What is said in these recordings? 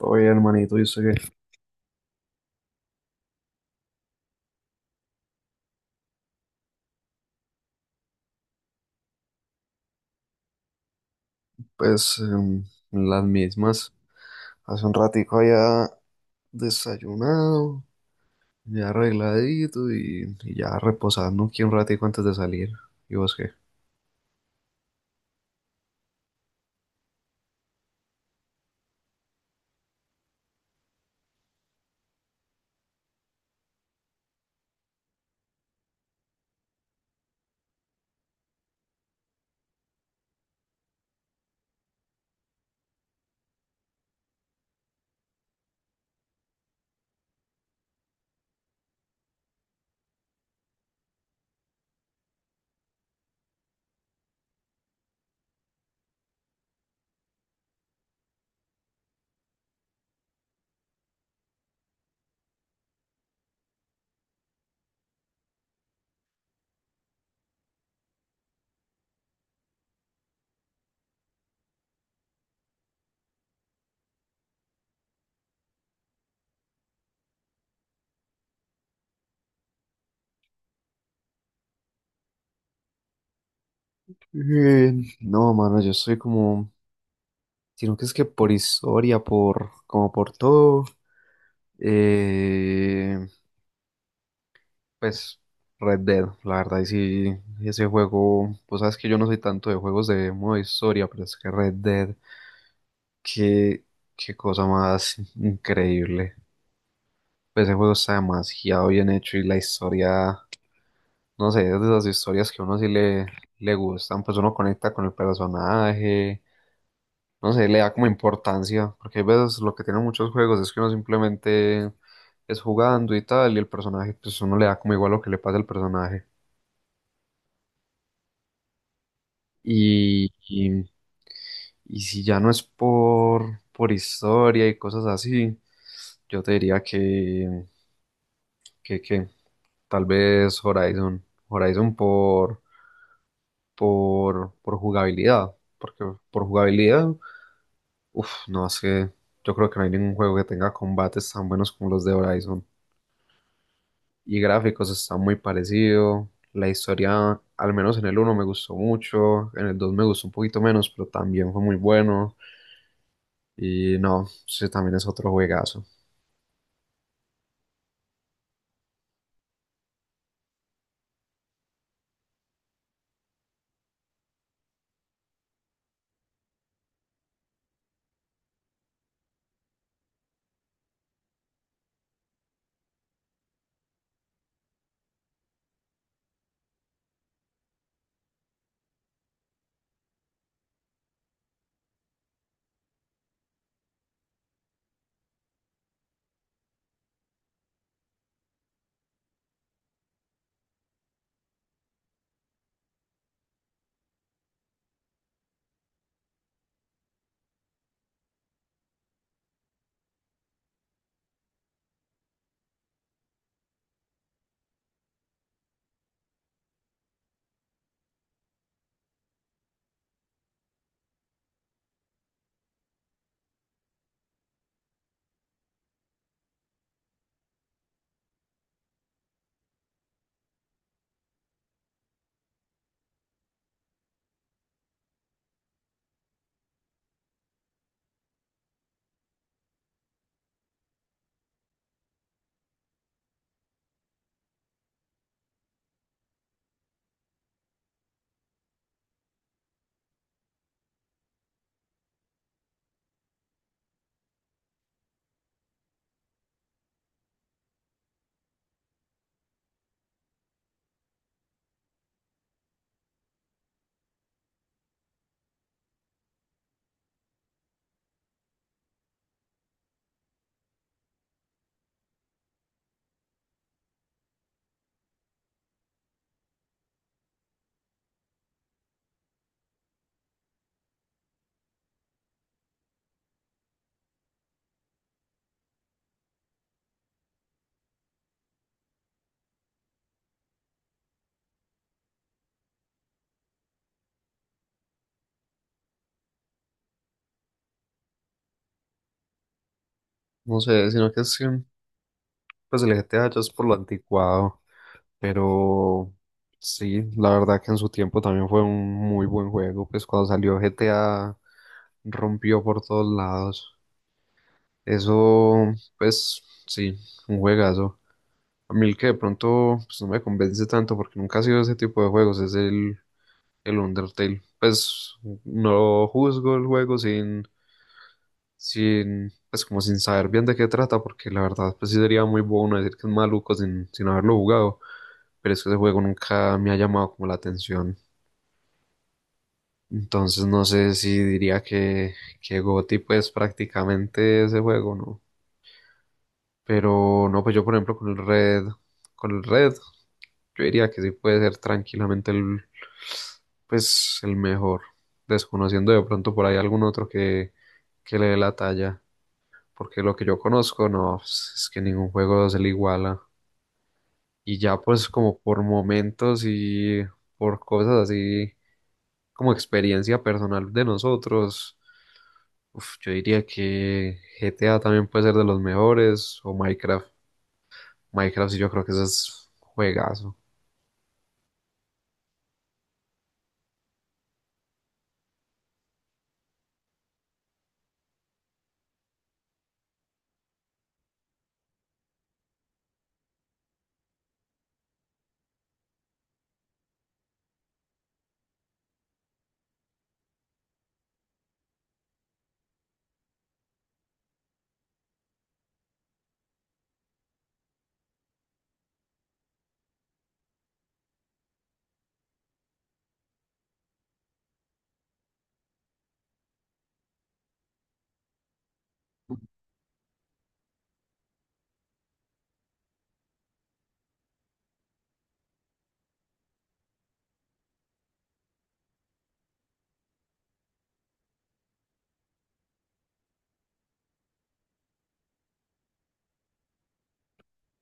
Oye, hermanito, yo sé que, pues, las mismas. Hace un ratico ya desayunado, ya arregladito y ya reposando aquí un ratico antes de salir. ¿Y vos qué? Eh, no, mano, yo estoy como, sino que es que por historia, por, como por todo, eh, pues, Red Dead, la verdad, y sí, ese juego, pues sabes que yo no soy tanto de juegos de modo historia, pero es que Red Dead. Qué, ¿Qué cosa más increíble? Pues ese juego está demasiado bien hecho y la historia, no sé, es de esas historias que a uno sí le gustan, pues uno conecta con el personaje, no sé, le da como importancia, porque hay veces lo que tienen muchos juegos es que uno simplemente es jugando y tal, y el personaje, pues uno le da como igual lo que le pasa al personaje. Y, y, y si ya no es por historia y cosas así, yo te diría que, que tal vez Horizon. Horizon por jugabilidad. Porque por jugabilidad, uff, no es que yo creo que no hay ningún juego que tenga combates tan buenos como los de Horizon. Y gráficos está muy parecido. La historia, al menos en el uno me gustó mucho. En el 2 me gustó un poquito menos, pero también fue muy bueno. Y no, sí, también es otro juegazo. No sé, sino que es que, pues el GTA ya es por lo anticuado. Pero sí, la verdad que en su tiempo también fue un muy buen juego. Pues cuando salió GTA rompió por todos lados. Eso, pues sí, un juegazo. A mí el que de pronto pues, no me convence tanto porque nunca ha sido ese tipo de juegos es el Undertale. Pues no juzgo el juego sin, sin, pues como sin saber bien de qué trata porque la verdad pues sí sería muy bueno decir que es maluco sin, sin haberlo jugado, pero es que ese juego nunca me ha llamado como la atención. Entonces no sé si diría que GOTY pues prácticamente ese juego, ¿no? Pero no, pues yo por ejemplo con el Red, yo diría que sí puede ser tranquilamente el, pues el mejor, desconociendo de pronto por ahí algún otro que le dé la talla, porque lo que yo conozco, no, pues, es que ningún juego se le iguala. Y ya pues como por momentos y por cosas así como experiencia personal de nosotros, uf, yo diría que GTA también puede ser de los mejores o Minecraft. Minecraft sí yo creo que ese es juegazo.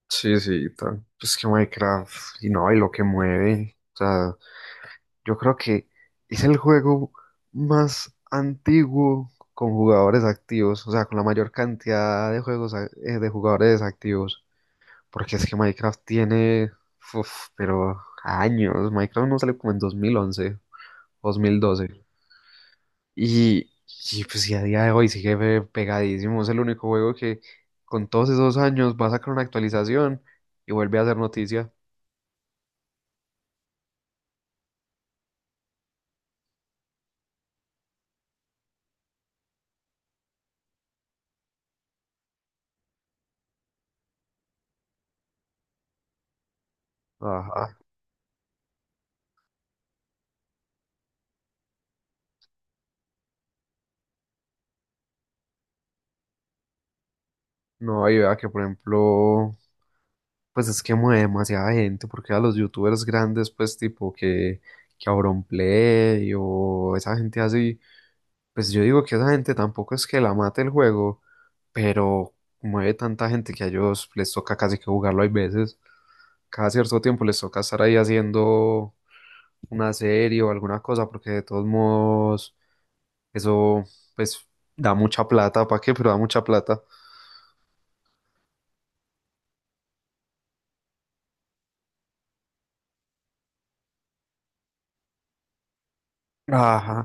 Sí, sí, tal. Pues que Minecraft, y no, y lo que mueve. O sea, yo creo que es el juego más antiguo con jugadores activos, o sea, con la mayor cantidad de juegos a- de jugadores activos. Porque es que Minecraft tiene, uf, pero años. Minecraft no salió como en 2011. 2012. Y, y pues y a día de hoy sigue pe- pegadísimo. Es el único juego que con todos esos años va a sacar una actualización y vuelve a hacer noticia. Ajá. No, y vea que por ejemplo, pues es que mueve demasiada gente, porque a los youtubers grandes, pues tipo que Auronplay o esa gente así, pues yo digo que esa gente tampoco es que la mate el juego, pero mueve tanta gente que a ellos les toca casi que jugarlo hay veces. Cada cierto tiempo les toca estar ahí haciendo una serie o alguna cosa, porque de todos modos eso pues da mucha plata, ¿para qué? Pero da mucha plata. Ajá,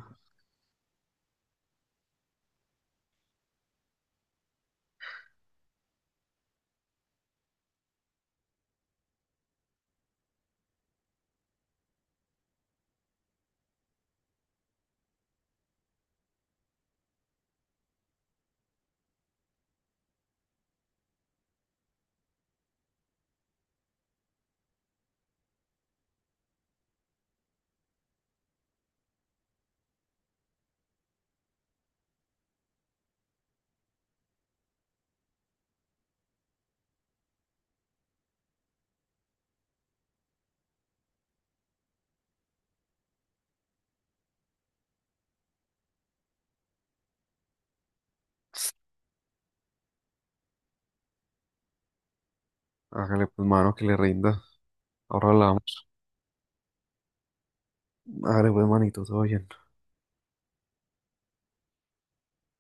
hágale pues mano que le rinda. Ahora hablamos. Hágale pues manito, todo bien.